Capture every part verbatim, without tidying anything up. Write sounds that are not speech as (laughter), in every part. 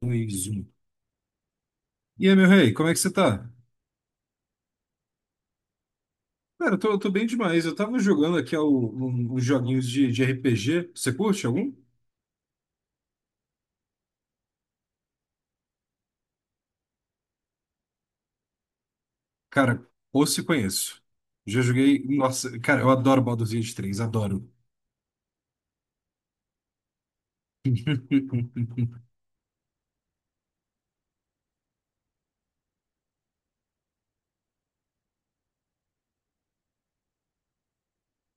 Dois, um. E aí, meu rei, como é que você tá? Cara, eu tô, eu tô bem demais. Eu tava jogando aqui ao- um- uns joguinhos de, de R P G. Você curte algum? Cara, ou se conheço. Já joguei. Nossa, cara, eu adoro Baldur's Gate três, adoro. (laughs)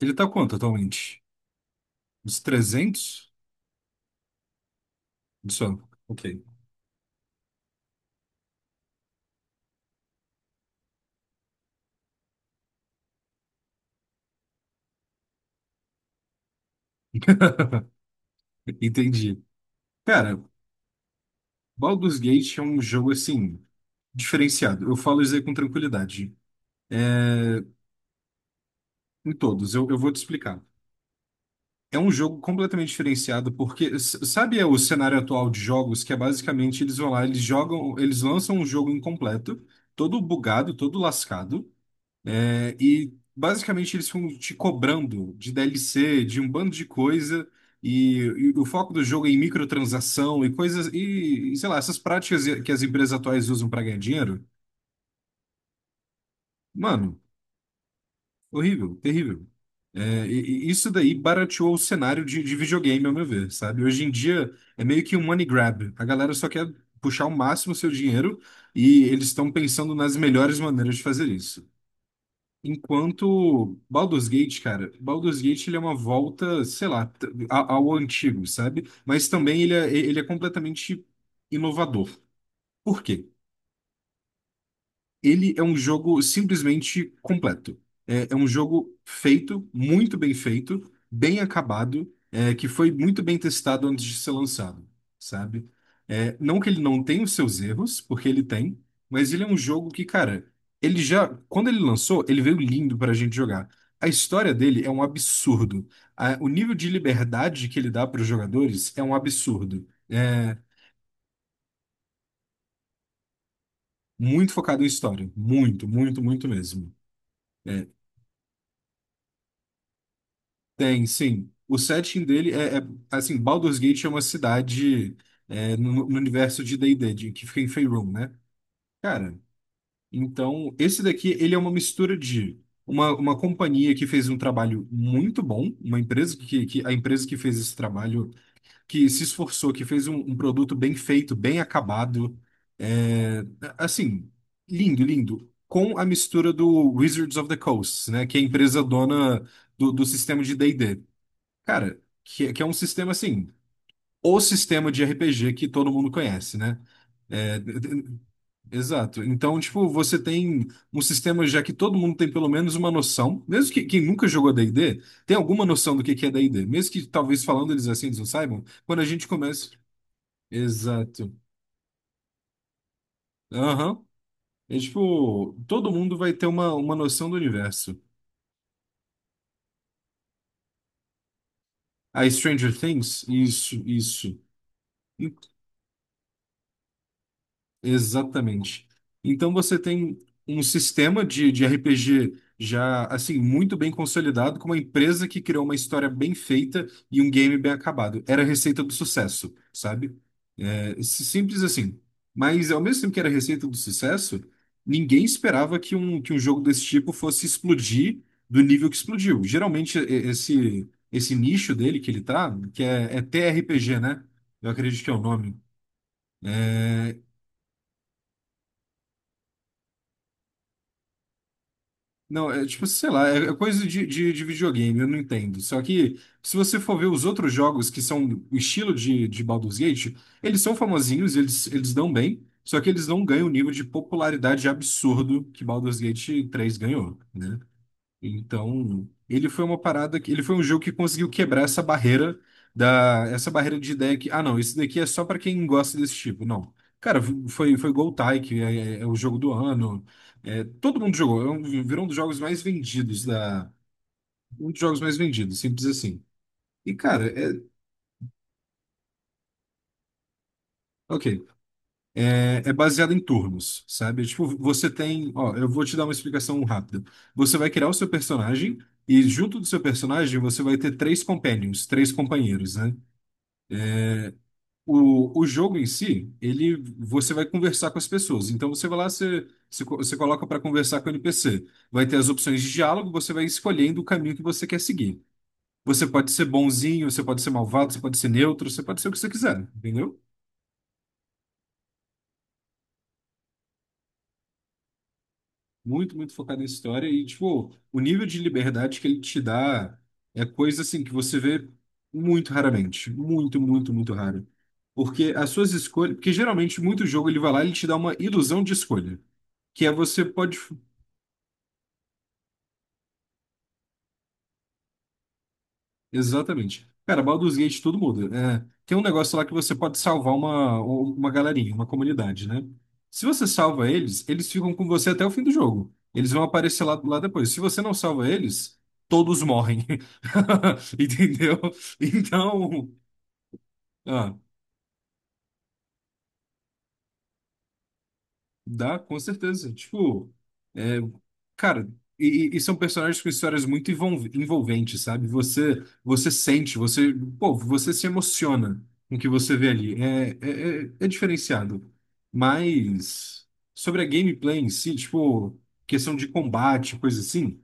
Ele tá quanto atualmente? Uns trezentos. Só. Ok. (laughs) Entendi. Cara, Baldur's Gate é um jogo assim, diferenciado. Eu falo isso aí com tranquilidade. É, em todos, eu, eu vou te explicar. É um jogo completamente diferenciado, porque s- sabe o cenário atual de jogos, que é basicamente eles vão lá, eles jogam, eles lançam um jogo incompleto, todo bugado, todo lascado, é, e basicamente eles ficam te cobrando de D L C, de um bando de coisa, e, e o foco do jogo é em microtransação e coisas, e sei lá, essas práticas que as empresas atuais usam para ganhar dinheiro, mano. Horrível, terrível. É, e- e isso daí barateou o cenário de, de videogame, ao meu ver, sabe? Hoje em dia é meio que um money grab. A galera só quer puxar o máximo o seu dinheiro e eles estão pensando nas melhores maneiras de fazer isso. Enquanto Baldur's Gate, cara, Baldur's Gate ele é uma volta, sei lá, t- a- ao antigo, sabe? Mas também ele é, ele é completamente inovador. Por quê? Ele é um jogo simplesmente completo. É, é um jogo feito, muito bem feito, bem acabado, é, que foi muito bem testado antes de ser lançado, sabe? É, não que ele não tenha os seus erros, porque ele tem, mas ele é um jogo que, cara, ele já, quando ele lançou, ele veio lindo pra gente jogar. A história dele é um absurdo. A- o nível de liberdade que ele dá para os jogadores é um absurdo. É muito focado em história, muito, muito, muito mesmo. É, tem, sim. O setting dele é, é- assim, Baldur's Gate é uma cidade, é, no, no universo de D e D, de- que fica em Faerûn, né? Cara, então esse daqui ele é uma mistura de uma, uma companhia que fez um trabalho muito bom, uma empresa que, que a empresa que fez esse trabalho, que se esforçou, que fez um, um produto bem feito, bem acabado, é, assim, lindo, lindo. Com a mistura do Wizards of the Coast, né? Que é a empresa dona do, do sistema de D e D. Cara, que, que é um sistema assim, o sistema de R P G que todo mundo conhece, né? É, d- d- exato. Então, tipo, você tem um sistema já que todo mundo tem pelo menos uma noção, mesmo que quem nunca jogou D e D, tem alguma noção do que que é D e D, mesmo que talvez falando eles assim eles não saibam, quando a gente começa. Exato. Aham. É tipo, todo mundo vai ter uma, uma noção do universo. A Stranger Things, isso, isso. Exatamente. Então você tem um sistema de, de R P G já assim muito bem consolidado, com uma empresa que criou uma história bem feita e um game bem acabado. Era a receita do sucesso, sabe? É, é si- simples assim. Mas ao mesmo tempo que era a receita do sucesso, ninguém esperava que um, que um jogo desse tipo fosse explodir do nível que explodiu. Geralmente e- esse esse nicho dele que ele tá, que é, é T R P G, né? Eu acredito que é o nome. É, não, é tipo, sei lá, é é coisa de, de, de videogame, eu não entendo. Só que, se você for ver os outros jogos que são o estilo de, de Baldur's Gate, eles são famosinhos, eles, eles dão bem, só que eles não ganham o nível de popularidade absurdo que Baldur's Gate três ganhou, né? Então, ele foi uma parada que ele foi um jogo que conseguiu quebrar essa barreira da essa barreira de ideia que ah não, isso daqui é só pra quem gosta desse tipo. Não. Cara, foi foi Goltai, que é, é é o jogo do ano. É, todo mundo jogou, é um- virou um dos jogos mais vendidos da um dos jogos mais vendidos, simples assim. E cara, é ok. é, é baseado em turnos, sabe? Tipo, você tem, ó, eu vou te dar uma explicação rápida. Você vai criar o seu personagem e junto do seu personagem você vai ter três companions, três companheiros, né? O, o jogo em si, ele, você vai conversar com as pessoas. Então você vai lá, você, você, co- você coloca para conversar com o N P C. Vai ter as opções de diálogo, você vai escolhendo o caminho que você quer seguir. Você pode ser bonzinho, você pode ser malvado, você pode ser neutro, você pode ser o que você quiser, entendeu? Muito, muito focado em história e, tipo, o nível de liberdade que ele te dá é coisa, assim, que você vê muito raramente. Muito, muito, muito raro. Porque as suas escolhas... Porque, geralmente, muito jogo, ele vai lá e ele te dá uma ilusão de escolha. Que é você pode... Exatamente. Cara, Baldur's Gate tudo muda. É, tem um negócio lá que você pode salvar uma, um, uma galerinha, uma comunidade, né? Se você salva eles, eles ficam com você até o fim do jogo. Eles vão aparecer lá, lá depois. Se você não salva eles, todos morrem. (laughs) Entendeu? Então, ah, dá, com certeza. Tipo, é, cara, e, e e são personagens com histórias muito envol- envolventes, sabe? Você, você sente, você, pô, você se emociona com o que você vê ali. É, é, é, é diferenciado. Mas sobre a gameplay em si, tipo, questão de combate, coisa assim.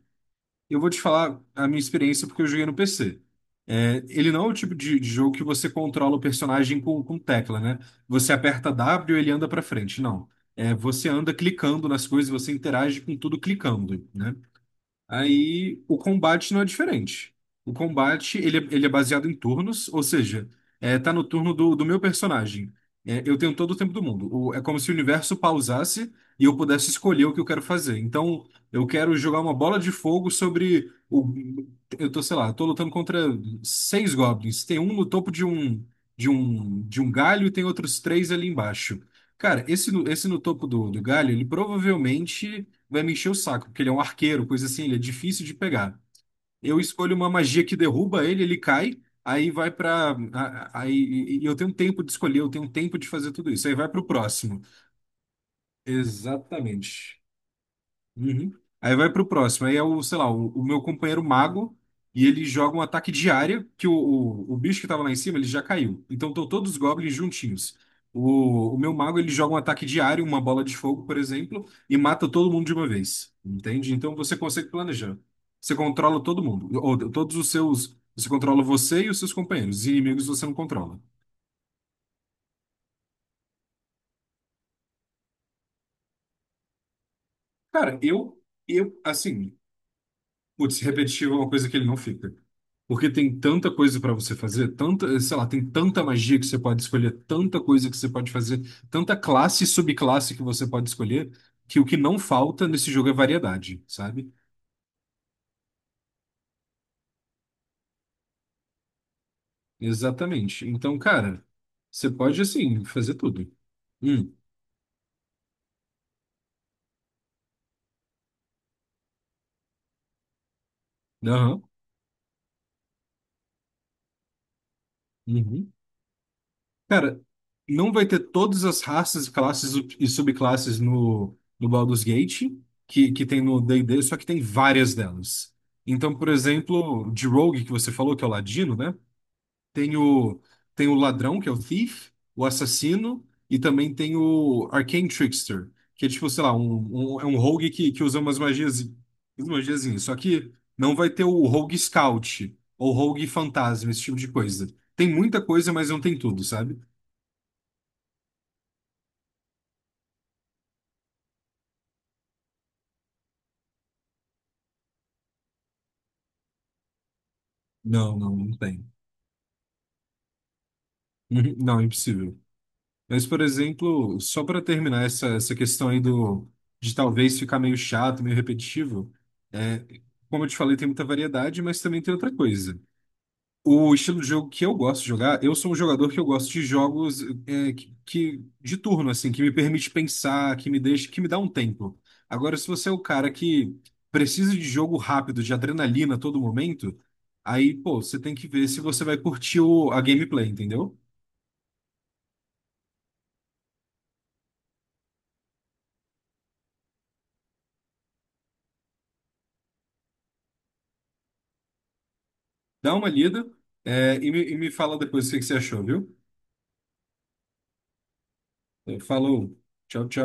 Eu vou te falar a minha experiência porque eu joguei no P C. É, ele não é o tipo de, de jogo que você controla o personagem com, com tecla, né? Você aperta W e ele anda pra frente. Não. É, você anda clicando nas coisas, você interage com tudo clicando, né? Aí o combate não é diferente. O combate ele, é- ele é baseado em turnos, ou seja, é, tá no turno do, do meu personagem. É, eu tenho todo o tempo do mundo. O- é como se o universo pausasse e eu pudesse escolher o que eu quero fazer. Então, eu quero jogar uma bola de fogo sobre o. Eu tô, sei lá, tô lutando contra seis goblins. Tem um no topo de um de um de um galho e tem outros três ali embaixo. Cara, esse no, esse no topo do, do galho, ele provavelmente vai me encher o saco, porque ele é um arqueiro, coisa assim, ele é difícil de pegar. Eu escolho uma magia que derruba ele, ele cai, aí vai para, aí, e- e eu tenho tempo de escolher, eu tenho tempo de fazer tudo isso. Aí vai para o próximo. Exatamente. Uhum. Aí vai pro próximo. Aí é o, sei lá, o, o meu companheiro mago e ele joga um ataque de área que o, o, o bicho que tava lá em cima, ele já caiu. Então estão todos os goblins juntinhos. O, o meu mago, ele joga um ataque de área, uma bola de fogo, por exemplo, e mata todo mundo de uma vez. Entende? Então você consegue planejar. Você controla todo mundo. Ou, todos os seus... Você controla você e os seus companheiros. Os inimigos você não controla. Cara, eu... Eu, assim, putz, repetitivo é uma coisa que ele não fica. Porque tem tanta coisa para você fazer, tanta, sei lá, tem tanta magia que você pode escolher, tanta coisa que você pode fazer, tanta classe e subclasse que você pode escolher, que o que não falta nesse jogo é variedade, sabe? Exatamente. Então, cara, você pode, assim, fazer tudo. Hum, aham, uhum. Cara, não vai ter todas as raças, classes e subclasses no, no Baldur's Gate, que, que tem no D e D, só que tem várias delas. Então, por exemplo, de Rogue, que você falou, que é o Ladino, né? Tem o, tem o Ladrão, que é o Thief, o Assassino, e também tem o Arcane Trickster, que é tipo, sei lá, um, um- é um Rogue que, que usa umas magias, umas magiazinhas. Só que não vai ter o Rogue Scout, ou Rogue Fantasma, esse tipo de coisa. Tem muita coisa, mas não tem tudo, sabe? Não, não, não tem. (laughs) Não, impossível. Mas, por exemplo, só para terminar essa, essa questão aí do, de talvez ficar meio chato, meio repetitivo, é, como eu te falei, tem muita variedade, mas também tem outra coisa. O estilo de jogo que eu gosto de jogar, eu sou um jogador que eu gosto de jogos é, que, que- de turno, assim, que me permite pensar, que me deixa, que me dá um tempo. Agora, se você é o cara que precisa de jogo rápido, de adrenalina a todo momento, aí, pô, você tem que ver se você vai curtir o- a gameplay, entendeu? Dá uma lida, é, e me, e me fala depois o que que você achou, viu? Falou, tchau, tchau.